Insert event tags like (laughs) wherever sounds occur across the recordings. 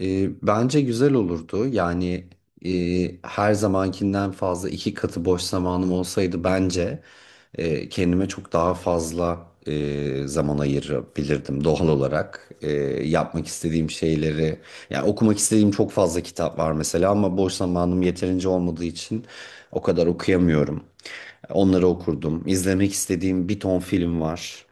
Bence güzel olurdu. Yani e, her zamankinden fazla iki katı boş zamanım olsaydı bence kendime çok daha fazla zaman ayırabilirdim doğal olarak. Yapmak istediğim şeyleri, yani okumak istediğim çok fazla kitap var mesela ama boş zamanım yeterince olmadığı için o kadar okuyamıyorum. Onları okurdum. İzlemek istediğim bir ton film var.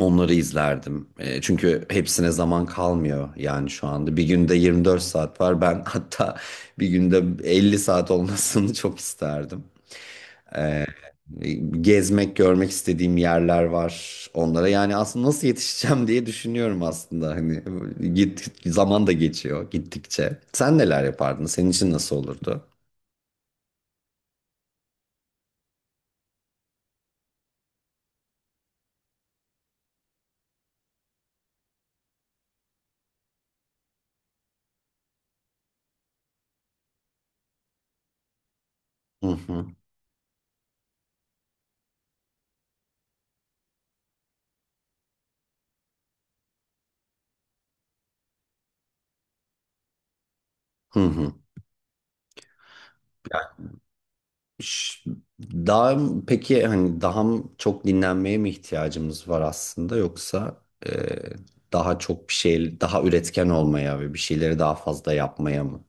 Onları izlerdim. Çünkü hepsine zaman kalmıyor yani şu anda. Bir günde 24 saat var. Ben (laughs) hatta bir günde 50 saat olmasını çok isterdim. E, gezmek, görmek istediğim yerler var onlara. Yani aslında nasıl yetişeceğim diye düşünüyorum aslında. Hani git zaman da geçiyor gittikçe. Sen neler yapardın? Senin için nasıl olurdu? Hı hı. Hı hı. Ş- Daha peki hani çok dinlenmeye mi ihtiyacımız var aslında, yoksa e, daha çok bir şey daha üretken olmaya ve bir şeyleri daha fazla yapmaya mı?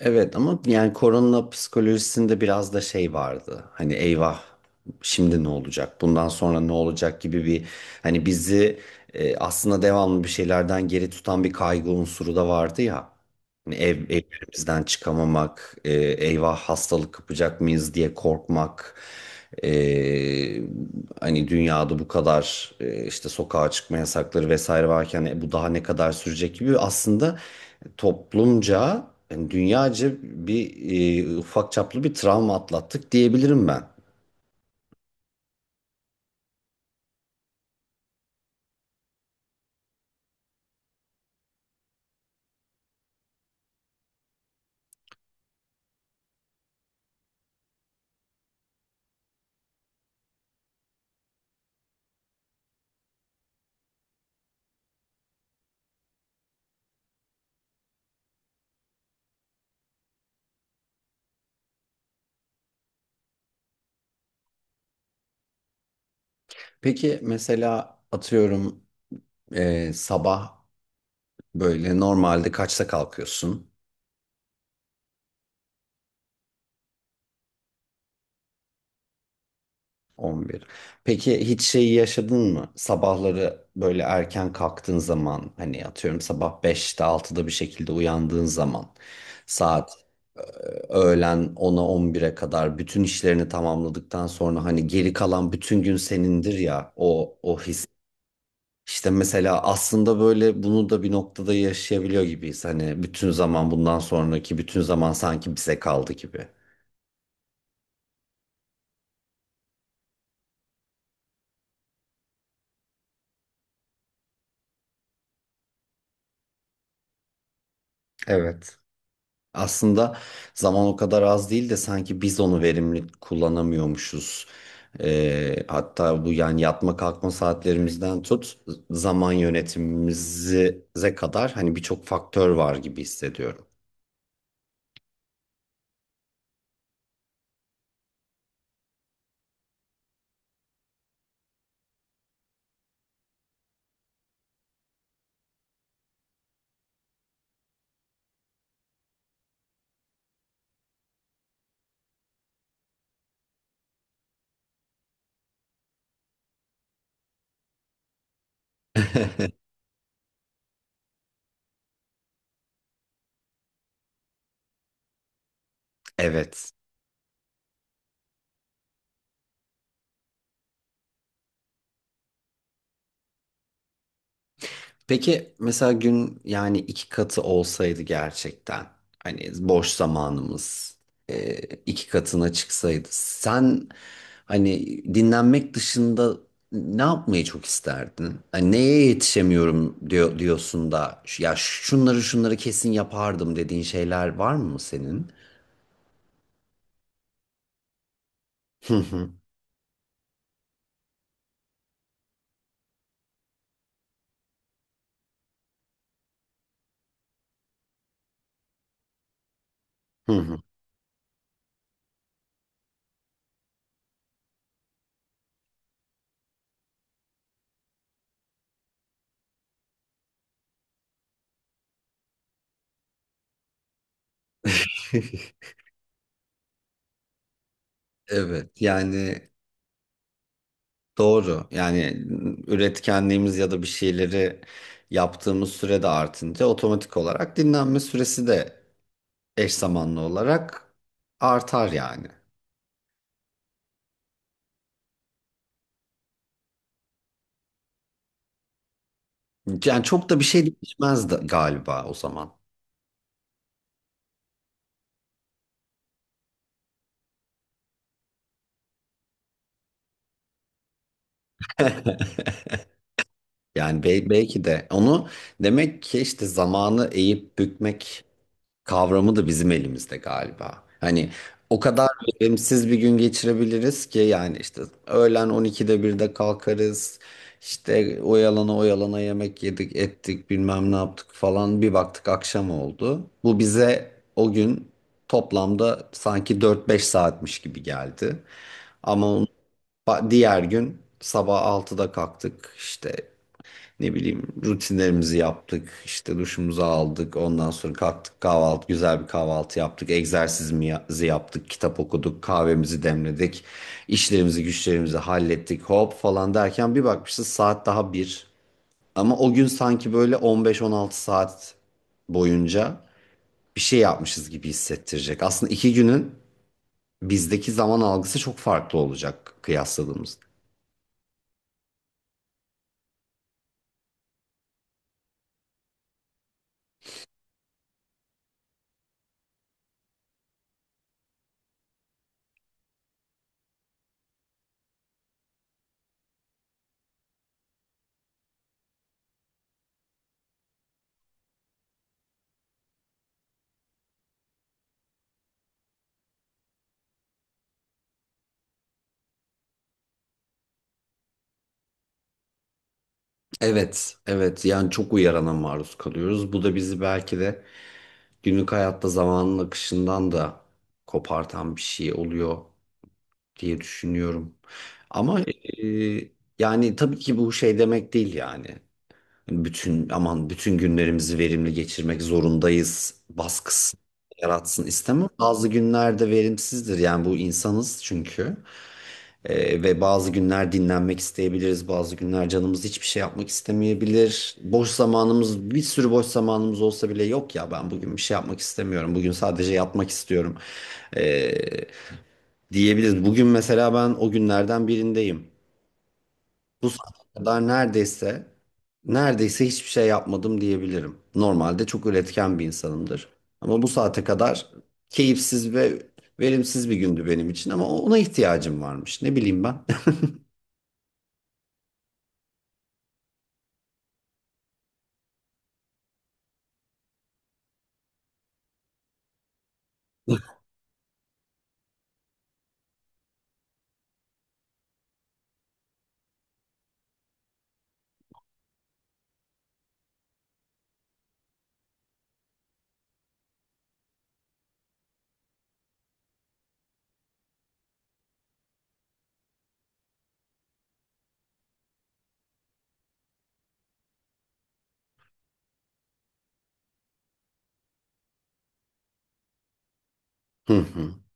Evet, ama yani korona psikolojisinde biraz da şey vardı. Hani eyvah, şimdi ne olacak? Bundan sonra ne olacak gibi bir, hani bizi, aslında devamlı bir şeylerden geri tutan bir kaygı unsuru da vardı ya. Hani ev bizden çıkamamak, eyvah hastalık kapacak mıyız diye korkmak, e, hani dünyada bu kadar işte sokağa çıkma yasakları vesaire varken, bu daha ne kadar sürecek gibi aslında toplumca, yani dünyaca bir ufak çaplı bir travma atlattık diyebilirim ben. Peki mesela atıyorum sabah böyle normalde kaçta kalkıyorsun? 11. Peki hiç şeyi yaşadın mı? Sabahları böyle erken kalktığın zaman hani atıyorum sabah 5'te 6'da bir şekilde uyandığın zaman saat öğlen 10'a 11'e kadar bütün işlerini tamamladıktan sonra hani geri kalan bütün gün senindir ya, o his. İşte mesela aslında böyle bunu da bir noktada yaşayabiliyor gibiyiz. Hani bütün zaman, bundan sonraki bütün zaman sanki bize kaldı gibi. Evet. Aslında zaman o kadar az değil de sanki biz onu verimli kullanamıyormuşuz. Hatta bu, yani yatma kalkma saatlerimizden tut zaman yönetimimize kadar hani birçok faktör var gibi hissediyorum. (laughs) Evet. Peki mesela gün yani iki katı olsaydı gerçekten hani boş zamanımız e, iki katına çıksaydı sen, hani dinlenmek dışında, ne yapmayı çok isterdin? Hani neye yetişemiyorum diyorsun da ya şunları şunları kesin yapardım" dediğin şeyler var mı senin? Hı hı. Hı hı. (laughs) Evet, yani doğru. Yani üretkenliğimiz ya da bir şeyleri yaptığımız süre de artınca otomatik olarak dinlenme süresi de eş zamanlı olarak artar yani. Yani çok da bir şey değişmez de galiba o zaman. (laughs) Yani belki de onu, demek ki işte zamanı eğip bükmek kavramı da bizim elimizde galiba. Hani o kadar, evet, verimsiz bir gün geçirebiliriz ki, yani işte öğlen 12'de 1'de kalkarız. İşte oyalana oyalana yemek yedik ettik bilmem ne yaptık falan, bir baktık akşam oldu. Bu bize o gün toplamda sanki 4-5 saatmiş gibi geldi. Ama onun Diğer gün sabah 6'da kalktık, işte ne bileyim rutinlerimizi yaptık, işte duşumuzu aldık, ondan sonra kalktık, güzel bir kahvaltı yaptık, egzersizimizi yaptık, kitap okuduk, kahvemizi demledik, işlerimizi güçlerimizi hallettik hop falan derken bir bakmışız saat daha bir. Ama o gün sanki böyle 15-16 saat boyunca bir şey yapmışız gibi hissettirecek. Aslında iki günün bizdeki zaman algısı çok farklı olacak kıyasladığımızda. Evet, evet, yani çok uyarana maruz kalıyoruz. Bu da bizi belki de günlük hayatta zamanın akışından da kopartan bir şey oluyor diye düşünüyorum. Ama e, yani tabii ki bu şey demek değil yani. Hani aman, bütün günlerimizi verimli geçirmek zorundayız baskısı yaratsın istemem. Bazı günlerde verimsizdir yani, bu insanız çünkü. Ve bazı günler dinlenmek isteyebiliriz, bazı günler canımız hiçbir şey yapmak istemeyebilir. Boş zamanımız, bir sürü boş zamanımız olsa bile, yok ya ben bugün bir şey yapmak istemiyorum, bugün sadece yatmak istiyorum ee, diyebiliriz. Bugün mesela ben o günlerden birindeyim. Bu saate kadar neredeyse, hiçbir şey yapmadım diyebilirim. Normalde çok üretken bir insanımdır. Ama bu saate kadar keyifsiz ve verimsiz bir gündü benim için, ama ona ihtiyacım varmış. Ne bileyim ben. (laughs)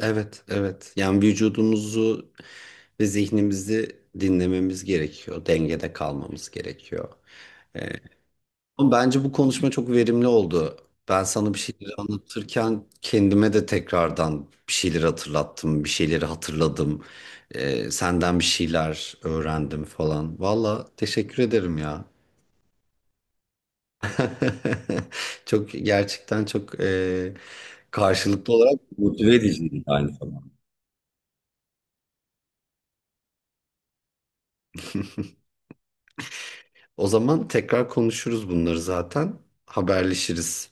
Evet, evet. Yani vücudumuzu ve zihnimizi dinlememiz gerekiyor. Dengede kalmamız gerekiyor. Ee, ama bence bu konuşma çok verimli oldu. Ben sana bir şeyleri anlatırken kendime de tekrardan bir şeyleri hatırlattım, bir şeyleri hatırladım. Senden bir şeyler öğrendim falan. Valla teşekkür ederim ya. (laughs) Çok gerçekten çok karşılıklı olarak motive ediciydi aynı zamanda. O zaman tekrar konuşuruz bunları zaten. Haberleşiriz.